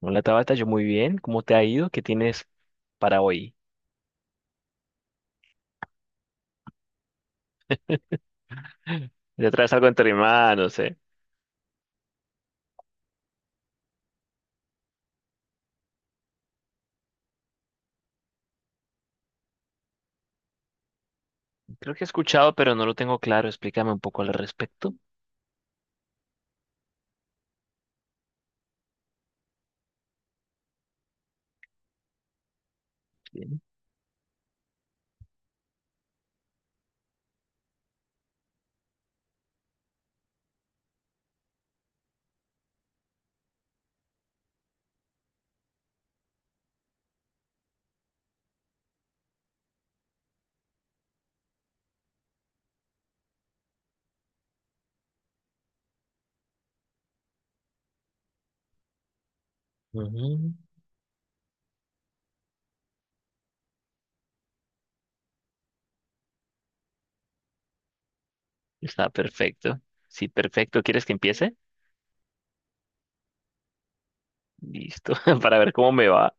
Hola Tabata, yo muy bien. ¿Cómo te ha ido? ¿Qué tienes para hoy? ¿Te traes algo entre manos, Creo que he escuchado, pero no lo tengo claro. Explícame un poco al respecto. Bien. Ujú. Está perfecto. Sí, perfecto. ¿Quieres que empiece? Listo, para ver cómo me va.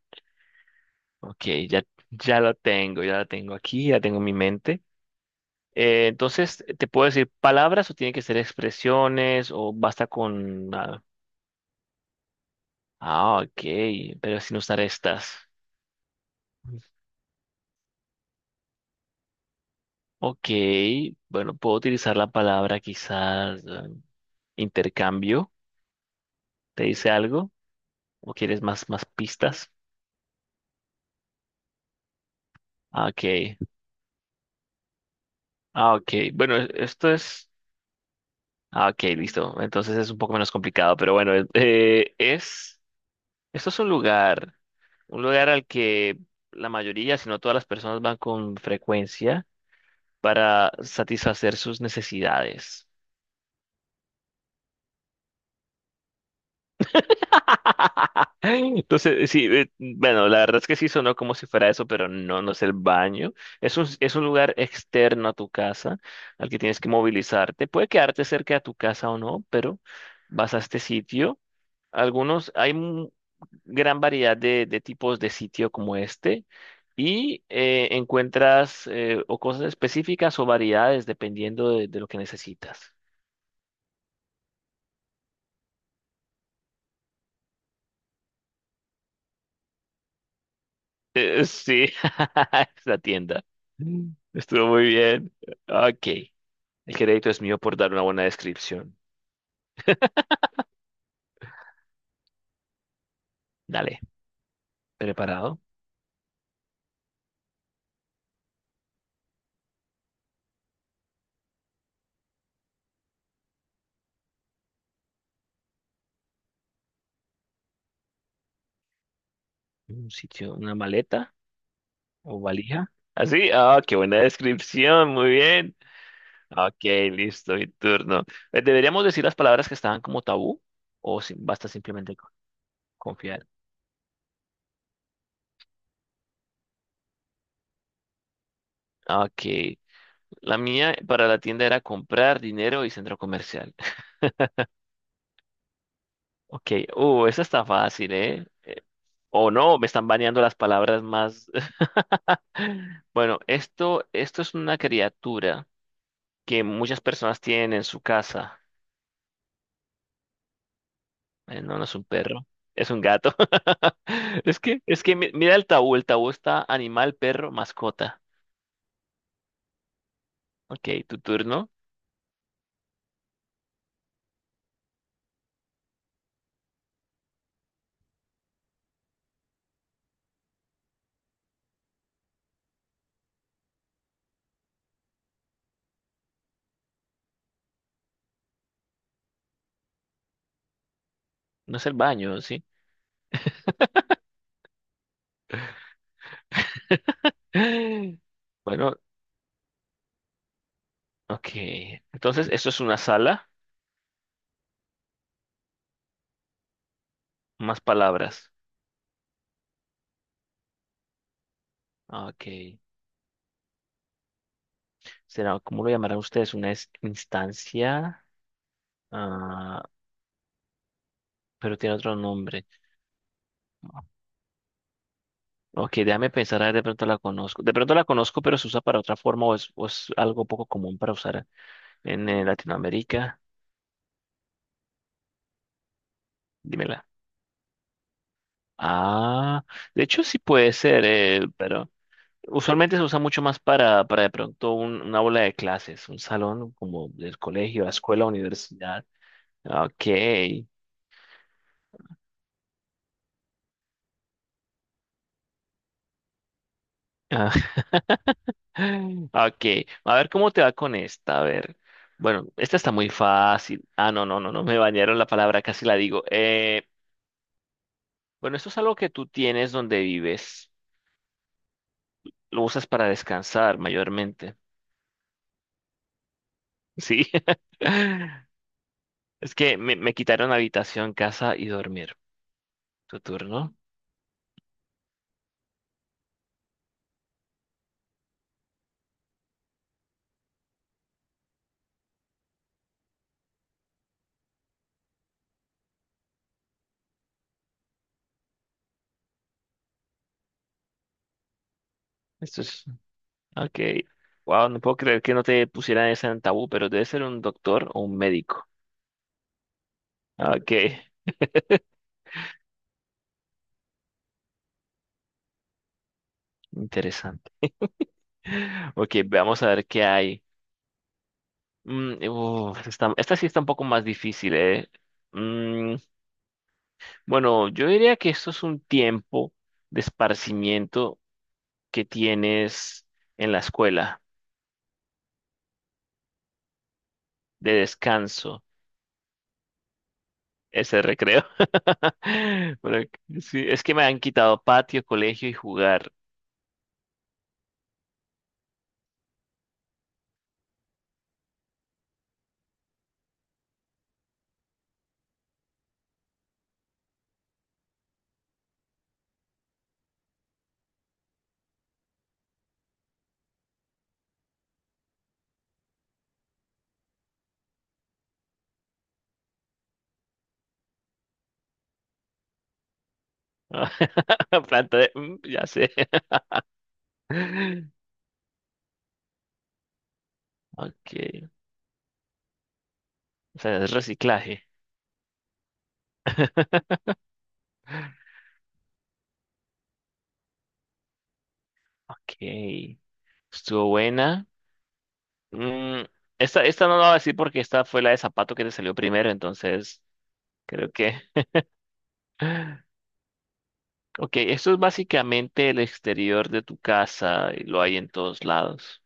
Ok, ya, ya lo tengo, ya la tengo aquí, ya tengo en mi mente. Entonces, ¿te puedo decir palabras o tiene que ser expresiones o basta con... Ah, ah, ok, pero sin usar estas. Ok, bueno, puedo utilizar la palabra quizás intercambio. ¿Te dice algo? ¿O quieres más, más pistas? Ah, ok, ah, ok. Bueno, esto es... Ah, ok, listo. Entonces es un poco menos complicado, pero bueno, es... Esto es un lugar al que la mayoría, si no todas las personas van con frecuencia para satisfacer sus necesidades. Entonces, sí, bueno, la verdad es que sí sonó como si fuera eso, pero no, no es el baño. Es un lugar externo a tu casa al que tienes que movilizarte. Puede quedarte cerca de tu casa o no, pero vas a este sitio. Algunos, hay gran variedad de tipos de sitio como este y encuentras o cosas específicas o variedades dependiendo de lo que necesitas. Sí, es la tienda. Mm. Estuvo muy bien. Ok. El crédito es mío por dar una buena descripción. Dale, ¿preparado? Un sitio, una maleta o valija. Así, ah, qué buena descripción, muy bien. Ok, listo, mi turno. ¿Deberíamos decir las palabras que estaban como tabú o basta simplemente confiar? Ok, la mía para la tienda era comprar dinero y centro comercial. Ok, esa está fácil, ¿eh? O no, me están baneando las palabras más. Bueno, esto es una criatura que muchas personas tienen en su casa. No, no es un perro, es un gato. Es que mira el tabú está animal, perro, mascota. Ok, tu turno. No es el baño, ¿sí? Bueno, ok. Entonces, esto es una sala, más palabras. Ok. Será, ¿cómo lo llamarán ustedes? ¿Una instancia? Ah, pero tiene otro nombre. Ok, déjame pensar, a ver, de pronto la conozco. De pronto la conozco, pero se usa para otra forma o es algo poco común para usar en Latinoamérica, dímela. Ah, de hecho sí puede ser, pero usualmente se usa mucho más para de pronto una aula de clases, un salón como del colegio, la escuela, universidad. Ok. Ah, ok. A ver cómo te va con esta. A ver. Bueno, esta está muy fácil. Ah, no, no, no, no me bañaron la palabra, casi la digo. Bueno, esto es algo que tú tienes donde vives. Lo usas para descansar mayormente. Sí. Es que me quitaron habitación, casa y dormir. Tu turno. Esto es. Ok. Wow, no puedo creer que no te pusieran esa en tabú, pero debe ser un doctor o un médico. Ok. Interesante. Ok, veamos a ver qué hay. Mm, uf, esta sí está un poco más difícil, ¿eh? Mm, bueno, yo diría que esto es un tiempo de esparcimiento que tienes en la escuela, de descanso. Ese recreo. Bueno, sí, es que me han quitado patio, colegio y jugar. Planta de... mm, ya sé. Ok. O sea, es reciclaje. Ok. Estuvo buena. Mm, esta no la voy a decir porque esta fue la de zapato que te salió primero, entonces creo que... Ok, esto es básicamente el exterior de tu casa y lo hay en todos lados.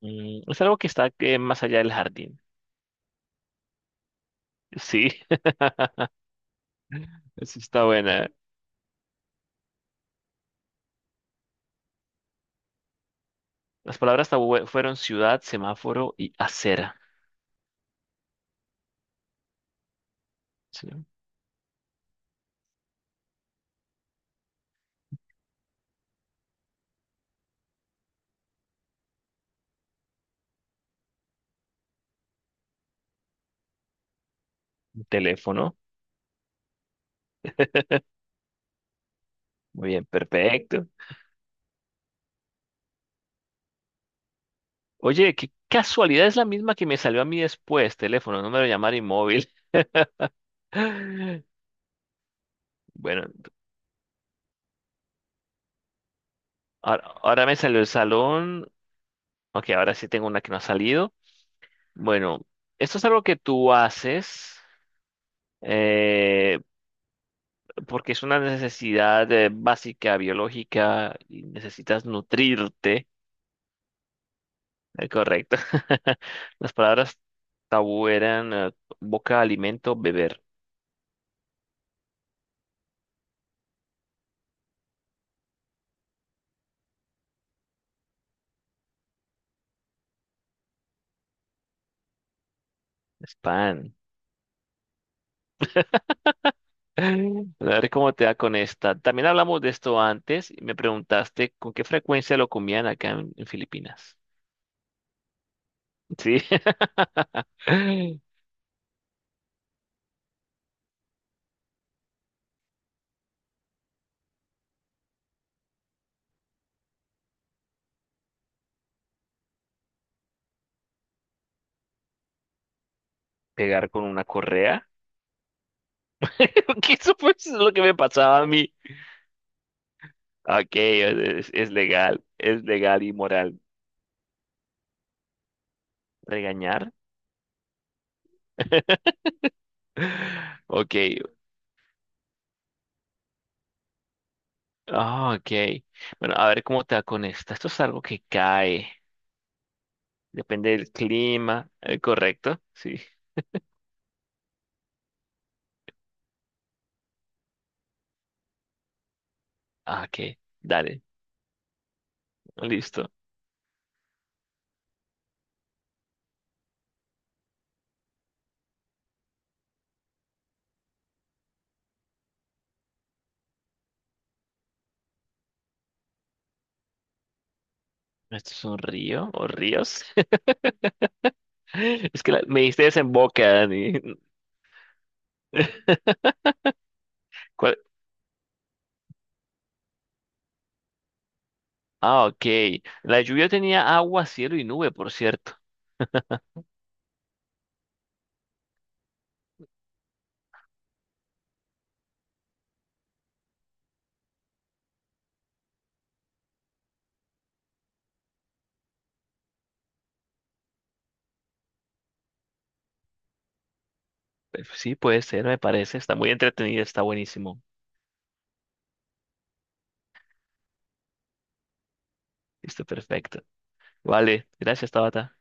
Mm, es algo que está más allá del jardín. Sí. Esa está buena. Las palabras tabú fueron ciudad, semáforo y acera. Sí, un teléfono. Muy bien, perfecto. Oye, qué casualidad es la misma que me salió a mí después. Teléfono, número de llamar y móvil. Bueno, ahora me salió el salón. Ok, ahora sí tengo una que no ha salido. Bueno, esto es algo que tú haces eh, porque es una necesidad básica, biológica, y necesitas nutrirte. Correcto. Las palabras tabú eran boca, alimento, beber. Spam. A ver cómo te da con esta. También hablamos de esto antes y me preguntaste con qué frecuencia lo comían acá en Filipinas. Sí. Pegar con una correa. Que eso pues es lo que me pasaba a mí. Ok, es legal y moral. Regañar. Ok, ah, ok. Bueno, a ver cómo te va con esta. Esto es algo que cae. Depende del clima. ¿Correcto? Sí. Ah, ok. Dale. Listo. ¿Esto es un río o ríos? Es que me diste desemboque, Dani. ¿Cuál? Ah, ok. La lluvia tenía agua, cielo y nube, por cierto. Sí, puede ser, me parece. Está muy entretenida, está buenísimo. Listo, perfecto. Vale. Gracias, Tabata.